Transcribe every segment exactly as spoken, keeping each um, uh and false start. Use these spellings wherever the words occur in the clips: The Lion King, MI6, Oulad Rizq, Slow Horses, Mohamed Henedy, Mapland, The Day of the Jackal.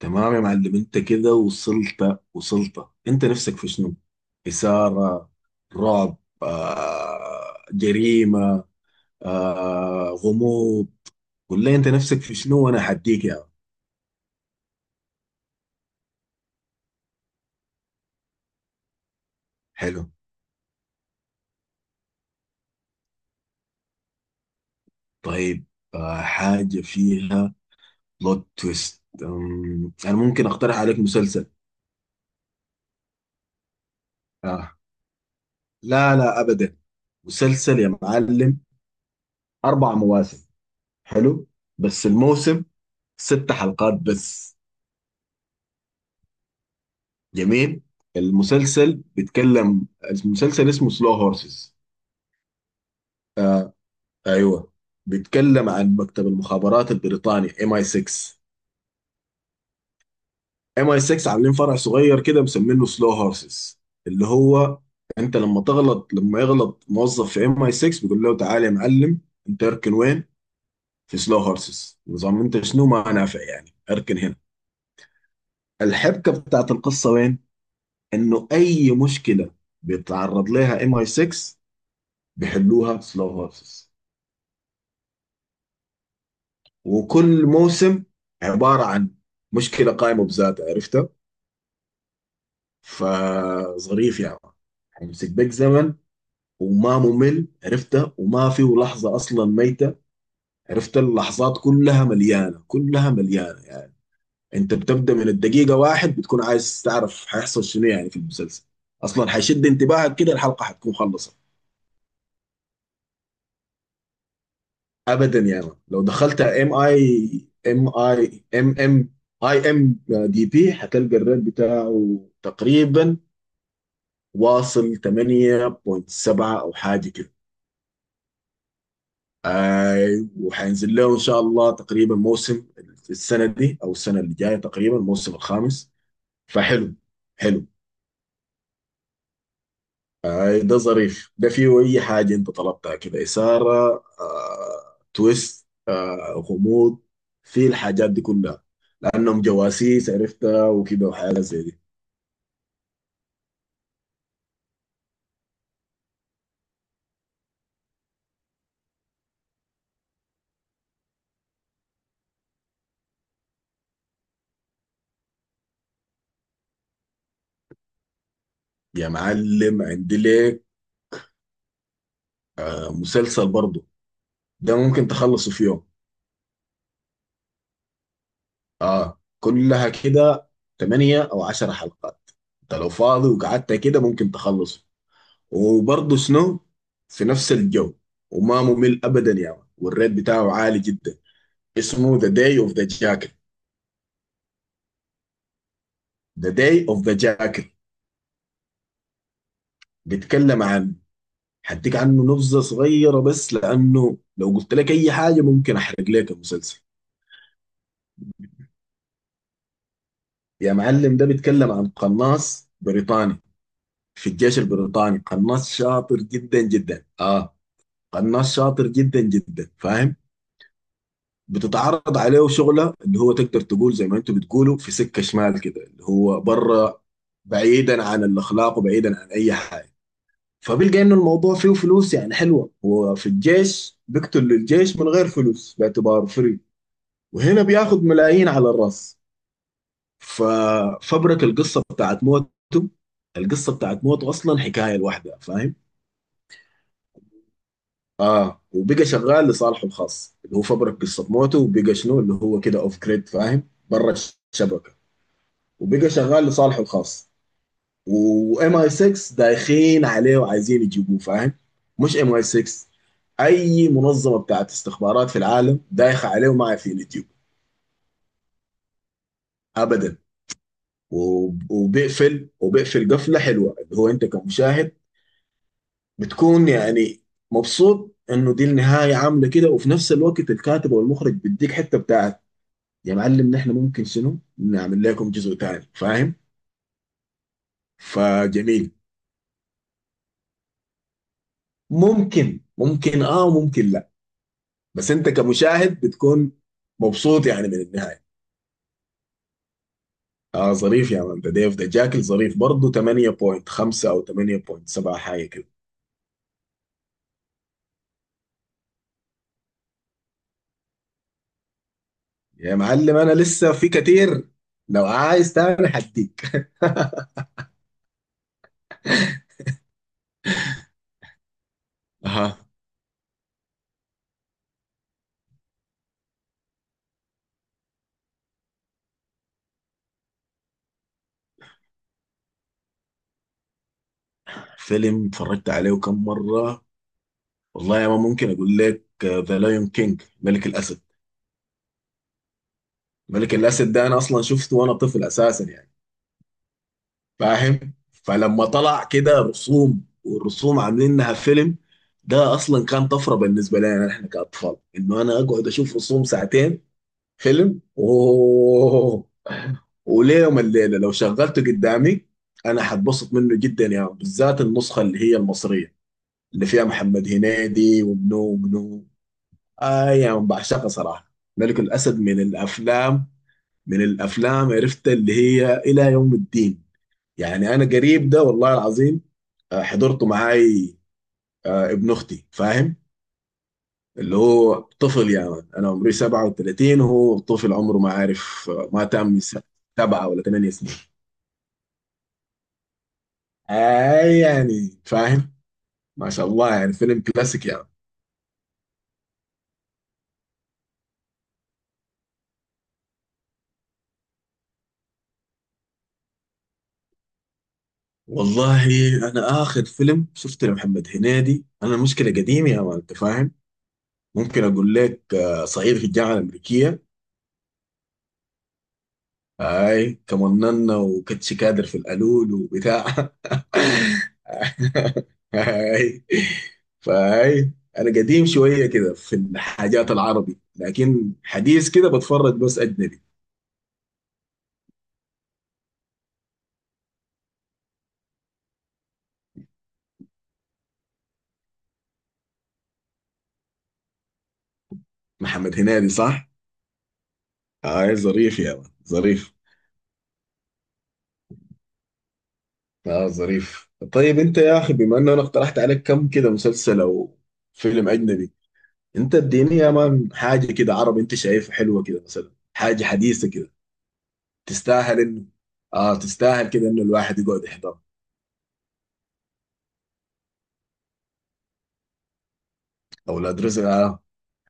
تمام يا معلم انت كده وصلت وصلت انت نفسك في شنو؟ إثارة، رعب، آه، جريمة، آه، غموض. قول لي انت نفسك في شنو وانا حديك يا عم. حلو، طيب، آه، حاجة فيها بلوت تويست. أم، انا ممكن اقترح عليك مسلسل. آه. لا لا ابدا، مسلسل يا معلم. اربع مواسم، حلو، بس الموسم ست حلقات بس. جميل. المسلسل بيتكلم، المسلسل اسمه سلو هورسز. ايوه، بيتكلم عن مكتب المخابرات البريطاني ام اي إم آي سيكس. ام اي إم آي سيكس عاملين فرع صغير كده مسمينه سلو هورسز، اللي هو انت لما تغلط، لما يغلط موظف في ام اي إم آي سيكس بيقول له تعالى يا معلم، انت اركن وين، في سلو هورسز. نظام انت شنو ما نافع يعني، اركن هنا. الحبكه بتاعت القصه وين؟ انه اي مشكله بيتعرض لها ام اي إم آي سيكس بيحلوها سلو هورسز، وكل موسم عبارة عن مشكلة قائمة بذاتها، عرفتها؟ فظريف يا مان، حيمسك بك زمن وما ممل، عرفتها؟ وما فيه لحظة أصلا ميتة، عرفت؟ اللحظات كلها مليانة، كلها مليانة يعني. أنت بتبدأ من الدقيقة واحد بتكون عايز تعرف حيحصل شنو يعني في المسلسل، أصلا حيشد انتباهك كده الحلقة حتكون خلصت. ابدا يا مان، لو دخلت ام اي ام اي ام ام اي ام دي بي هتلقى الريت بتاعه تقريبا واصل ثمانية فاصلة سبعة او حاجه كده. اي، وهينزل له ان شاء الله تقريبا موسم السنه دي او السنه اللي جايه تقريبا، الموسم الخامس. فحلو، حلو. اي ده ظريف، ده فيه اي حاجه انت طلبتها كده، اثاره، آه، تويست، آه، غموض، في الحاجات دي كلها، لانهم جواسيس عرفتها وكده وحاجات زي دي. يا معلم عندي لك آه، مسلسل برضه، ده ممكن تخلصه في يوم. اه كلها كده ثمانية او عشر حلقات، انت لو فاضي وقعدت كده ممكن تخلصه. وبرضه شنو، في نفس الجو، وما ممل ابدا يا يعني. والريت بتاعه عالي جدا. اسمه ذا داي اوف ذا جاكل، The Day of the Jackal. بيتكلم عن، هديك عنه نبذة صغيرة بس لأنه لو قلت لك أي حاجة ممكن أحرق لك المسلسل. يا معلم، ده بيتكلم عن قناص بريطاني في الجيش البريطاني، قناص شاطر جدا جدا آه، قناص شاطر جدا جدا فاهم. بتتعرض عليه شغلة اللي هو تقدر تقول زي ما انتوا بتقولوا في سكة شمال كده، اللي هو بره، بعيدا عن الأخلاق وبعيدا عن أي حاجة. فبيلقى انه الموضوع فيه فلوس يعني حلوه، هو في الجيش بيقتل للجيش من غير فلوس باعتباره فري، وهنا بياخد ملايين على الراس. ففبرة القصه بتاعت موته، القصه بتاعت موته اصلا حكايه لوحدها فاهم. اه، وبقى شغال لصالحه الخاص، اللي هو فبرك قصه موته وبقى شنو اللي هو كده اوف جريد فاهم، برا الشبكه، وبقى شغال لصالحه الخاص. وام اي إم آي سيكس دايخين عليه وعايزين يجيبوه فاهم، مش ام اي إم آي سيكس، اي منظمه بتاعت استخبارات في العالم دايخه عليه وما عارفين يجيبوه ابدا. وب- وبيقفل، وبيقفل قفله حلوه، اللي هو انت كمشاهد بتكون يعني مبسوط انه دي النهايه عامله كده، وفي نفس الوقت الكاتب والمخرج بيديك حته بتاعت يا معلم نحن ممكن شنو نعمل لكم جزء ثاني فاهم. فجميل. ممكن ممكن اه ممكن، بس انت كمشاهد بتكون مبسوط يعني من النهايه. اه ظريف يا مان، ده ديف ده جاكل ظريف برضه، ثمانية فاصلة خمسة او تمانية فاصلة سبعة حاجه كده. يا معلم انا لسه في كتير، لو عايز تاني حديك. اها. فيلم اتفرجت عليه كم مره، والله يا مان ممكن اقول لك ذا لايون كينج، ملك الاسد. ملك الاسد ده انا اصلا شفته وانا طفل اساسا يعني فاهم، فلما طلع كده رسوم والرسوم عاملينها فيلم، ده اصلا كان طفره بالنسبه لنا احنا كاطفال انه انا اقعد اشوف رسوم ساعتين فيلم. اوه، وليوم الليله لو شغلته قدامي انا هتبسط منه جدا يا يعني، بالذات النسخه اللي هي المصريه اللي فيها محمد هنيدي ومنو ومنو. آه يا يعني بعشقها صراحه. ملك الاسد من الافلام، من الافلام، عرفت اللي هي الى يوم الدين يعني. انا قريب ده والله العظيم آه، حضرته معاي، آه، ابن اختي فاهم، اللي هو طفل يعني. انا عمري سبعة وثلاثين وهو طفل عمره ما عارف، آه، ما تم س- سبعة ولا ثمانية سنين. اي يعني فاهم، ما شاء الله يعني فيلم كلاسيك يعني. والله انا اخر فيلم شفته لمحمد هنيدي، انا المشكله قديم يا مان انت فاهم. ممكن اقول لك آه، صعيدي في الجامعه الامريكيه. اي، كمننا وكتش كادر في القالول وبتاع اي، فاي، انا قديم شويه كده في الحاجات العربي لكن حديث كده بتفرج بس اجنبي. محمد هنيدي صح؟ اي ظريف يا مان ظريف. اه ظريف. طيب انت يا اخي بما انه انا اقترحت عليك كم كده مسلسل او فيلم اجنبي، انت اديني يا مان حاجه كده عربي انت شايفها حلوه كده مثلا، حاجه حديثه كده تستاهل انه، اه تستاهل كده انه الواحد يقعد يحضر. اولاد رزق، اه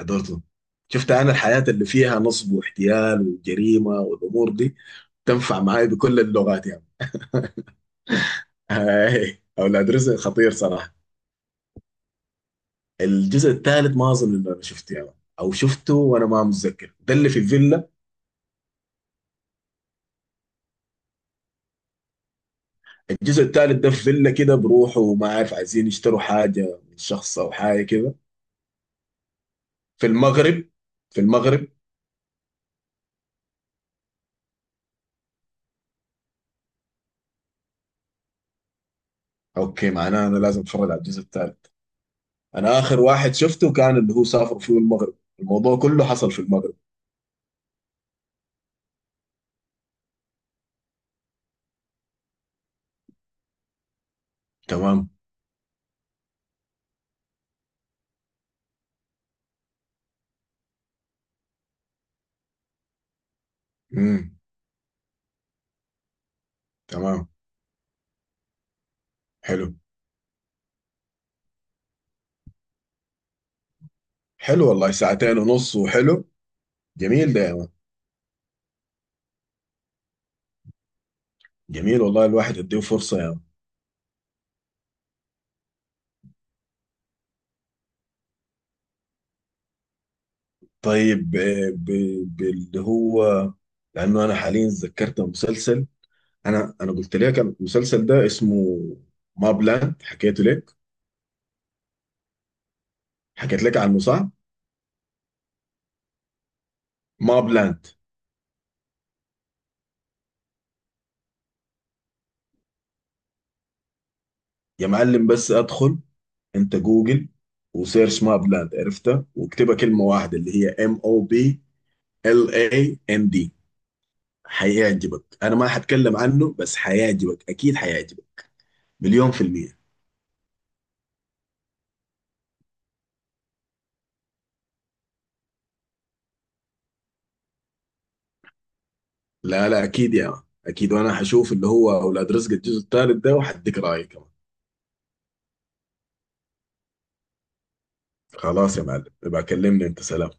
حضرته. شفت انا الحياة اللي فيها نصب واحتيال وجريمة والامور دي تنفع معاي بكل اللغات يعني. هاي اولاد رزق خطير صراحة. الجزء الثالث ما اظن انه انا شفته يعني، او شفته وانا ما متذكر، ده اللي في الفيلا؟ الجزء الثالث ده في فيلا كده بروحه وما عارف عايزين يشتروا حاجة من شخص او حاجة كده. في المغرب، في المغرب. اوكي معناه انا لازم اتفرج على الجزء الثالث. انا اخر واحد شفته كان اللي هو سافر فيه المغرب، الموضوع كله حصل في المغرب. تمام. امم. تمام. حلو. حلو والله، ساعتين ونص، وحلو. جميل ده يا مان، جميل والله، الواحد يديه فرصة يا مان. طيب ب- ب- باللي هو، لانه انا حاليا ذكرت مسلسل، انا انا قلت لك المسلسل ده اسمه ما بلاند، حكيته لك، حكيت لك عنه صح؟ ما بلاند. يا معلم بس ادخل انت جوجل وسيرش ماب لاند عرفتها، واكتبها كلمه واحده. اللي هي ام او بي ال اي ان دي. هيعجبك، انا ما هتكلم عنه بس هيعجبك، اكيد هيعجبك مليون في المية. لا لا اكيد يا مان. اكيد، وانا هشوف اللي هو اولاد رزق الجزء الثالث ده وهديك رايي كمان. خلاص يا معلم، يبقى كلمني انت، سلام.